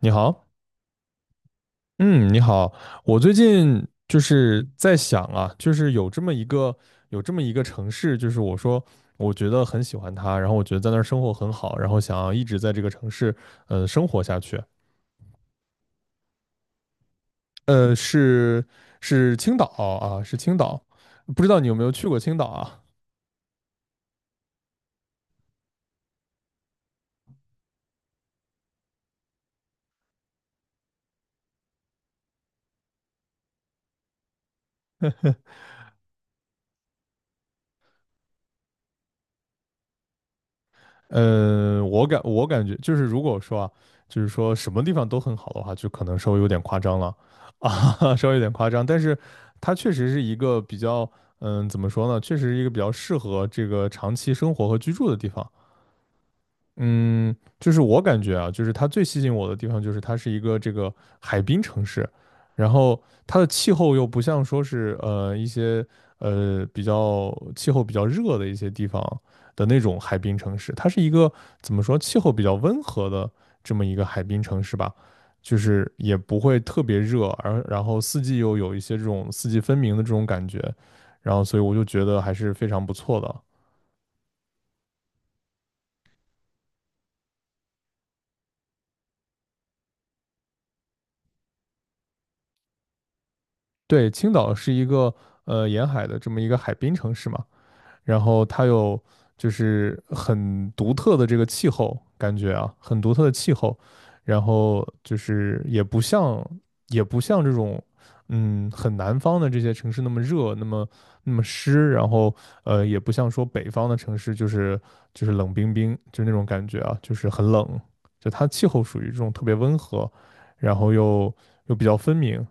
你好，嗯，你好，我最近就是在想啊，就是有这么一个城市，就是我说我觉得很喜欢它，然后我觉得在那儿生活很好，然后想要一直在这个城市生活下去，呃是是青岛啊，是青岛，不知道你有没有去过青岛啊？嗯，我感觉就是，如果说啊，就是说什么地方都很好的话，就可能稍微有点夸张了 啊，稍微有点夸张。但是它确实是一个比较，嗯，怎么说呢？确实是一个比较适合这个长期生活和居住的地方。嗯，就是我感觉啊，就是它最吸引我的地方就是它是一个这个海滨城市，然后它的气候又不像说是一些比较气候比较热的一些地方的那种海滨城市，它是一个怎么说气候比较温和的这么一个海滨城市吧，就是也不会特别热，而然后四季又有一些这种四季分明的这种感觉，然后所以我就觉得还是非常不错的。对，青岛是一个沿海的这么一个海滨城市嘛，然后它有就是很独特的这个气候感觉啊，很独特的气候，然后就是也不像这种嗯很南方的这些城市那么热，那么湿，然后也不像说北方的城市就是冷冰冰，就那种感觉啊，就是很冷，就它气候属于这种特别温和，然后又比较分明，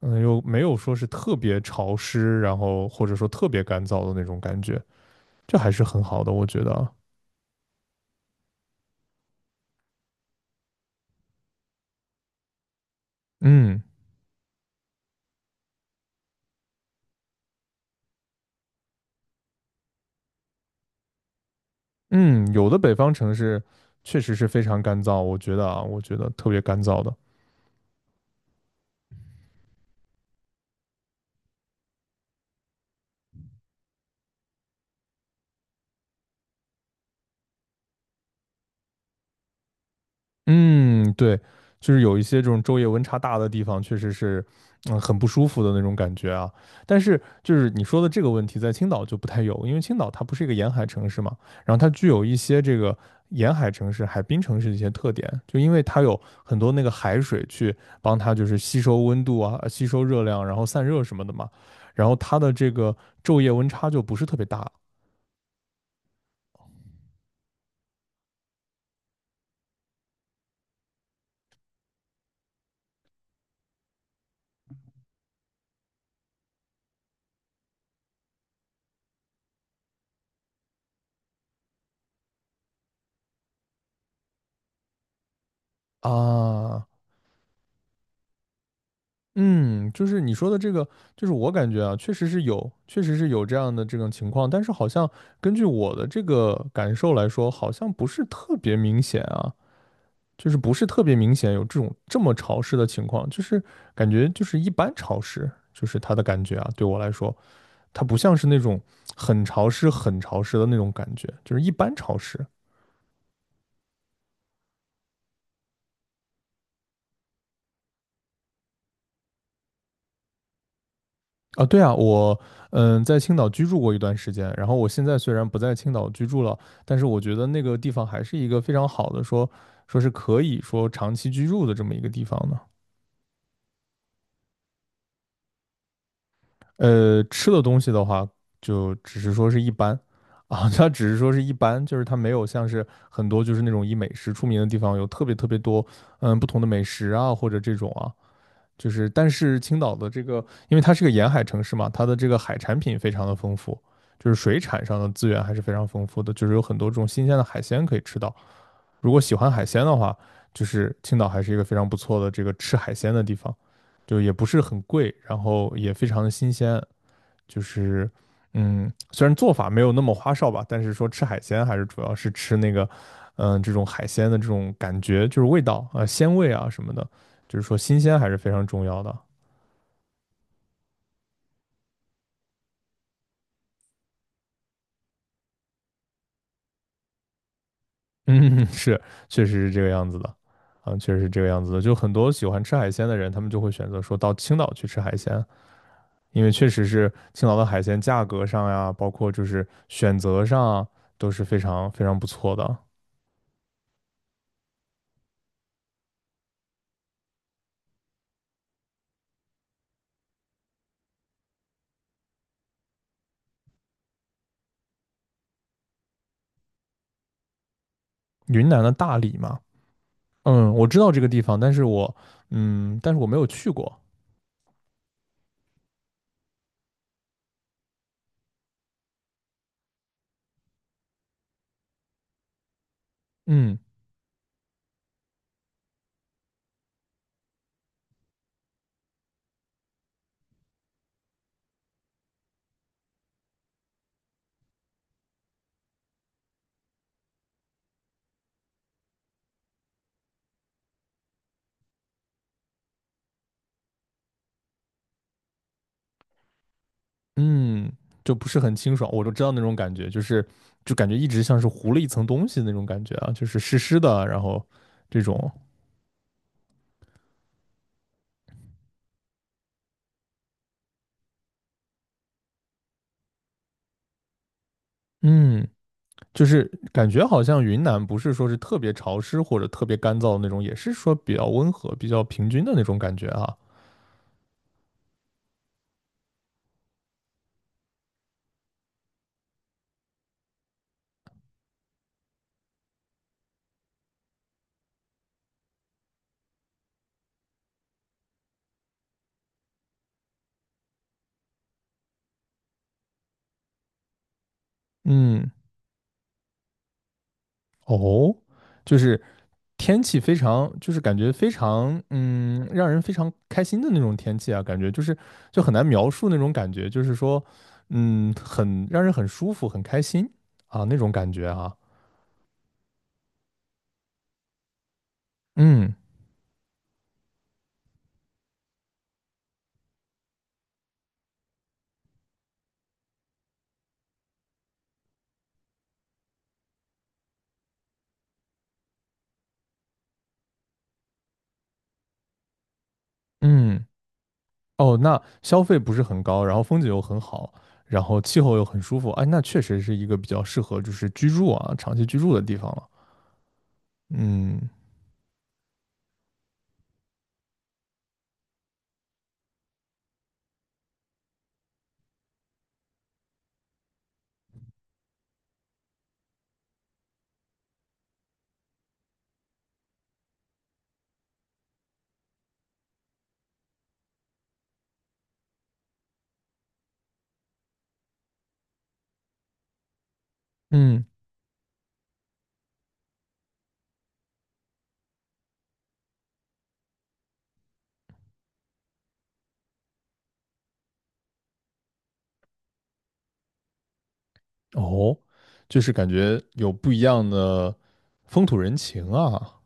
嗯，又没有说是特别潮湿，然后或者说特别干燥的那种感觉，这还是很好的，我觉得啊。嗯嗯，有的北方城市确实是非常干燥，我觉得啊，我觉得特别干燥的。嗯，对，就是有一些这种昼夜温差大的地方，确实是，嗯，很不舒服的那种感觉啊。但是，就是你说的这个问题，在青岛就不太有，因为青岛它不是一个沿海城市嘛，然后它具有一些这个沿海城市、海滨城市的一些特点，就因为它有很多那个海水去帮它就是吸收温度啊、吸收热量，然后散热什么的嘛，然后它的这个昼夜温差就不是特别大啊。嗯，就是你说的这个，就是我感觉啊，确实是有这样的这种情况，但是好像根据我的这个感受来说，好像不是特别明显啊，就是不是特别明显有这种这么潮湿的情况，就是感觉就是一般潮湿，就是它的感觉啊，对我来说，它不像是那种、很潮湿的那种感觉，就是一般潮湿。啊，对啊，我在青岛居住过一段时间，然后我现在虽然不在青岛居住了，但是我觉得那个地方还是一个非常好的说是可以说长期居住的这么一个地方呢。呃，吃的东西的话，就只是说是一般啊，它只是说是一般，就是它没有像是很多就是那种以美食出名的地方有特别特别多不同的美食啊或者这种啊，就是但是青岛的这个，因为它是个沿海城市嘛，它的这个海产品非常的丰富，就是水产上的资源还是非常丰富的，就是有很多这种新鲜的海鲜可以吃到。如果喜欢海鲜的话，就是青岛还是一个非常不错的这个吃海鲜的地方，就也不是很贵，然后也非常的新鲜，就是。嗯，虽然做法没有那么花哨吧，但是说吃海鲜还是主要是吃那个，这种海鲜的这种感觉，就是味道啊、鲜味啊什么的，就是说新鲜还是非常重要的。嗯，是，确实是这个样子的，嗯，确实是这个样子的。就很多喜欢吃海鲜的人，他们就会选择说到青岛去吃海鲜，因为确实是青岛的海鲜价格上呀，包括就是选择上啊都是非常非常不错的。云南的大理嘛，嗯，我知道这个地方，但是我，嗯，但是我没有去过，嗯嗯，就不是很清爽。我就知道那种感觉，就是就感觉一直像是糊了一层东西那种感觉啊，就是湿湿的，然后这种，嗯。就是感觉好像云南不是说是特别潮湿或者特别干燥的那种，也是说比较温和、比较平均的那种感觉啊。嗯，哦，就是天气非常，就是感觉非常，嗯，让人非常开心的那种天气啊，感觉就是就很难描述那种感觉，就是说，嗯，很让人很舒服、很开心啊那种感觉啊。嗯嗯。哦，那消费不是很高，然后风景又很好，然后气候又很舒服，哎，那确实是一个比较适合就是居住啊，长期居住的地方了。嗯嗯，哦，就是感觉有不一样的风土人情啊。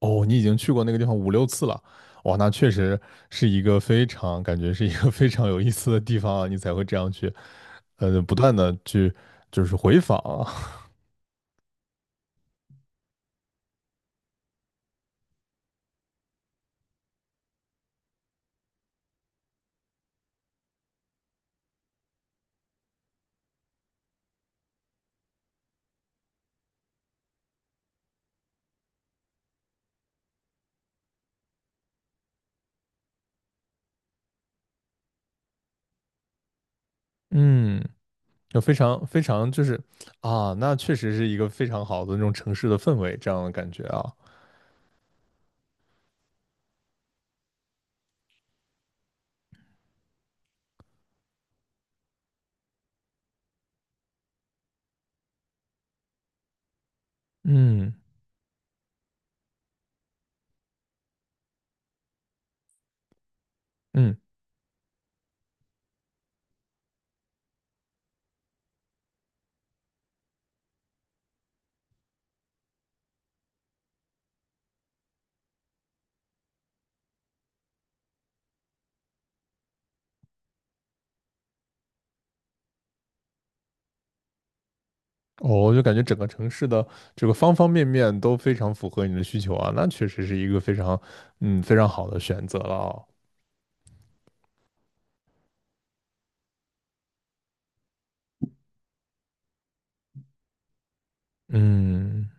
哦，你已经去过那个地方五六次了，哇，那确实是一个非常感觉是一个 非常有意思的地方啊，你才会这样去，不断的去就是回访啊。嗯就非常非常就是啊，那确实是一个非常好的那种城市的氛围，这样的感觉啊。嗯嗯，我就感觉整个城市的这个方方面面都非常符合你的需求啊，那确实是一个非常非常好的选择了哦。嗯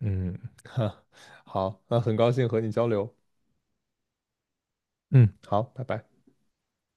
嗯，哈，好，那很高兴和你交流。嗯，好，拜拜。